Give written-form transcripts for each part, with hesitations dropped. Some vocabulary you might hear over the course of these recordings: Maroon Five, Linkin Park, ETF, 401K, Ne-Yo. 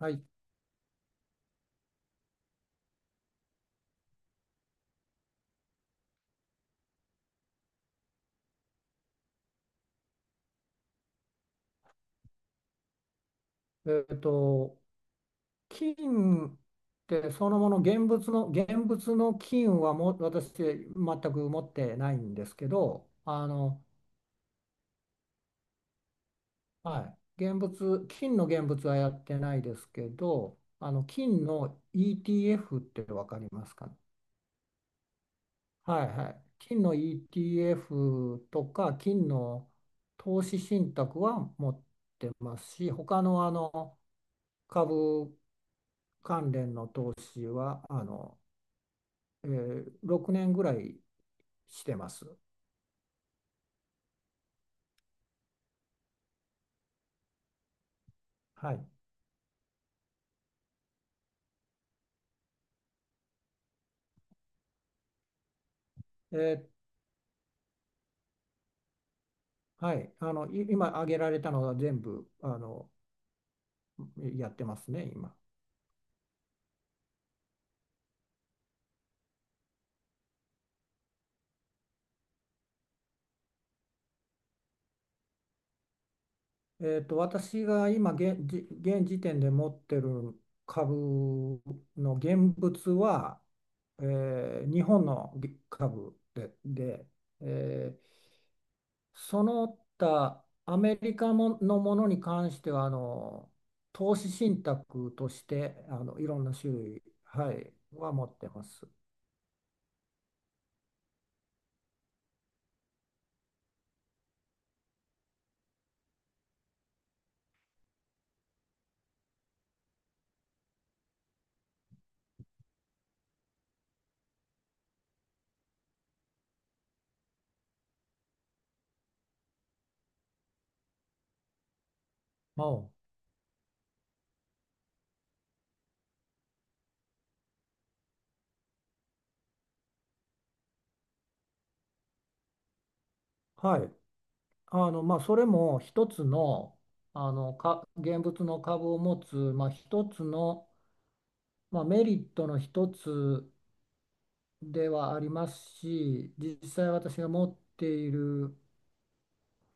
はい、えーと、金ってそのもの現物の、現物の金はもう私全く持ってないんですけど、はい、現物、金の現物はやってないですけど、金の ETF ってわかりますかね。はいはい。金の ETF とか金の投資信託は持ってますし、他の株関連の投資は6年ぐらいしてます。はい。えーはい。今挙げられたのは全部やってますね、今。私が今現、じ現時点で持ってる株の現物は、えー日本の株で、で、えーその他アメリカものに関しては投資信託としていろんな種類、はい、は持ってます。お、はい、まあ、それも一つの、あのか現物の株を持つ、まあ、一つの、まあ、メリットの一つではありますし、実際私が持っている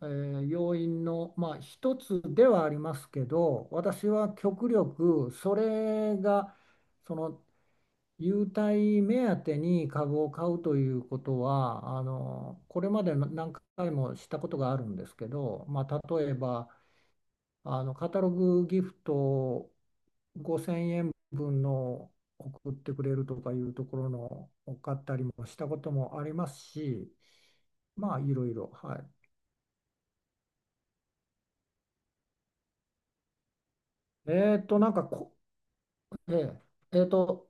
要因の、まあ、一つではありますけど、私は極力それがその優待目当てに株を買うということはこれまで何回もしたことがあるんですけど、まあ、例えばカタログギフト5000円分の送ってくれるとかいうところのを買ったりもしたこともありますし、まあいろいろはい。えーっと、なんかこええ、えーと、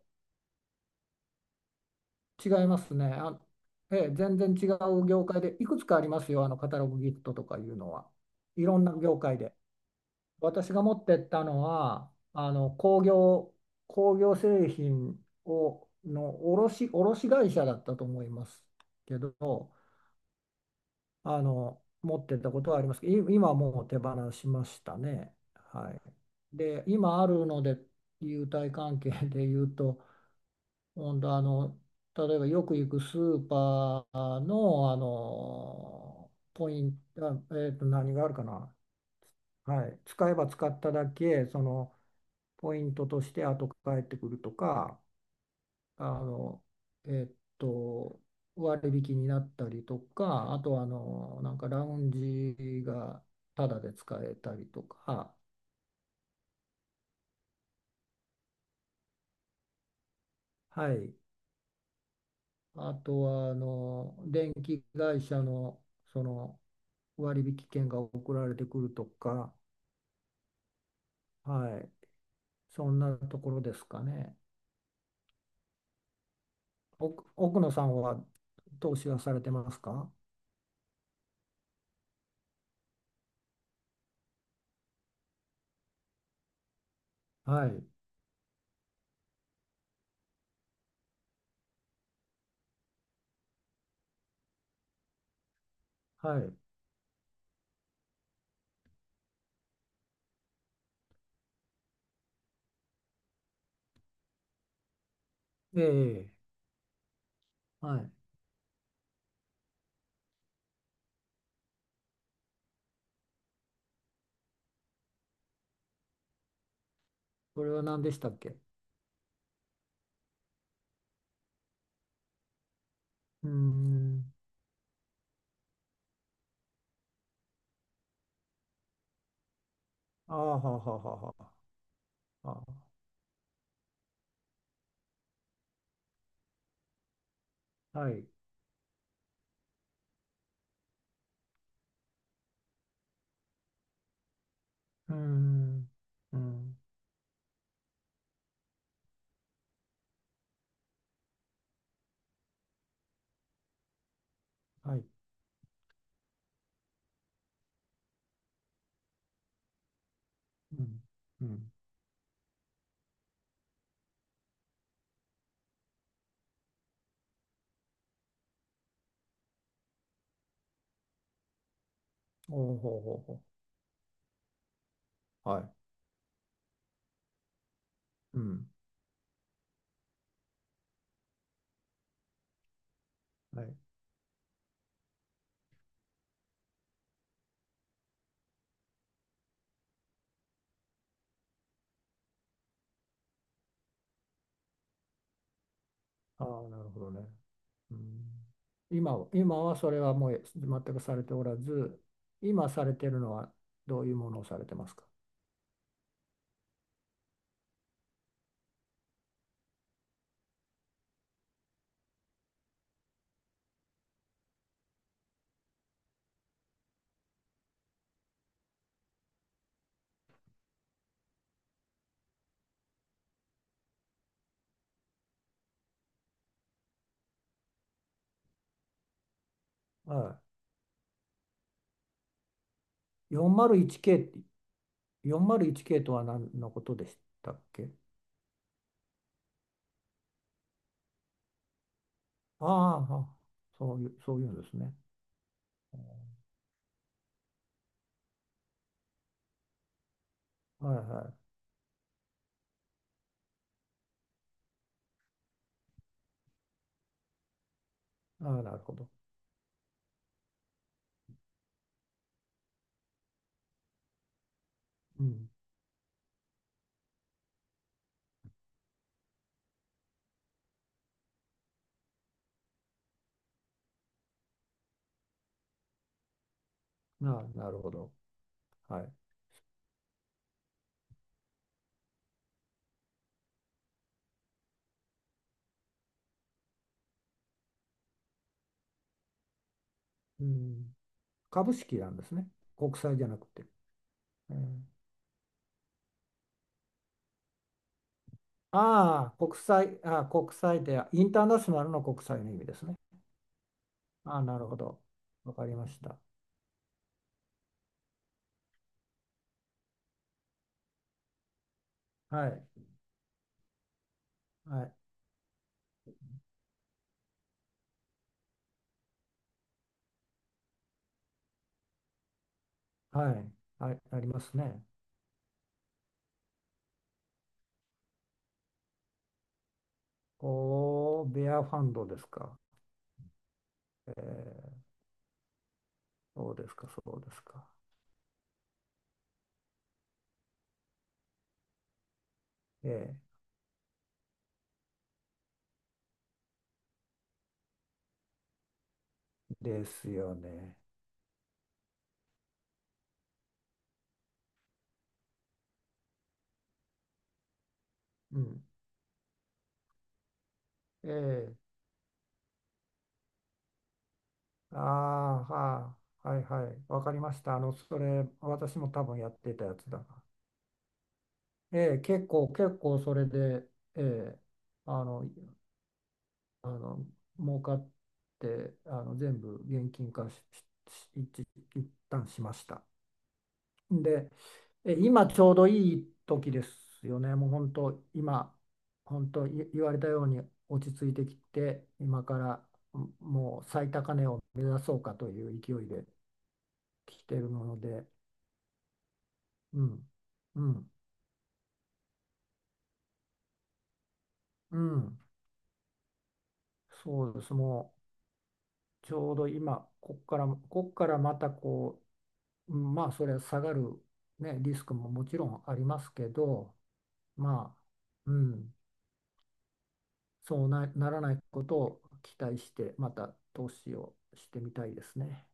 違いますね。あ、ええ、全然違う業界で、いくつかありますよ、カタログギフトとかいうのは。いろんな業界で。私が持ってったのは、工業、工業製品をの卸、卸会社だったと思いますけど、持ってったことはありますけど、今はもう手放しましたね。はい、で、今あるので、優待関係で言うと、ほんと例えばよく行くスーパーの、あのポイント、何があるかな、はい、使えば使っただけその、ポイントとして後返ってくるとか、あの、えーと、割引になったりとか、あとはなんかラウンジがタダで使えたりとか、はい、あとは電気会社の、その割引券が送られてくるとか、はい、そんなところですかね。奥奥野さんは投資はされてますか？はい、はい、ええ、はい。これは何でしたっけ。うーん、あーははははは、あはい、うーん、うん、はい、うん、うん、おーほうほうほう、はい、うん、はい、ああ、なるほどね。うん。今は、今はそれはもう全くされておらず、今されてるのはどういうものをされてますか？はい、 401K、401K とは何のことでしたっけ。ああ、はそういう、そういうんですね。はいはい。ああ、なるほど。うん。ああ、なるほど。はい。うん。株式なんですね。国債じゃなくて。うん、ああ、国債、ああ、国債で、インターナショナルの国債の意味ですね。あ、なるほど。わかりました。はい。はい。はい。はい。ありますね。おー、ベアファンドですか。えー、そうですか、そうですか。えー、ですよね。うん。えー、ああ、はあ、はい、はい。わかりました。あの、それ、私も多分やってたやつだな。えー、結構、結構それで、えー、あの、あの、儲かって、あの、全部現金化し、し、し一、一旦しました。で、今ちょうどいい時ですよね。もう本当、今、本当言われたように落ち着いてきて、今から、うん、もう最高値を目指そうかという勢いで来てるので、うん、うん、うん、そうです。もうちょうど今、こっから、こっからまたうんまあ、それは下がる、ね、リスクももちろんありますけど、まあ、うん。そうな、ならないことを期待して、また投資をしてみたいですね。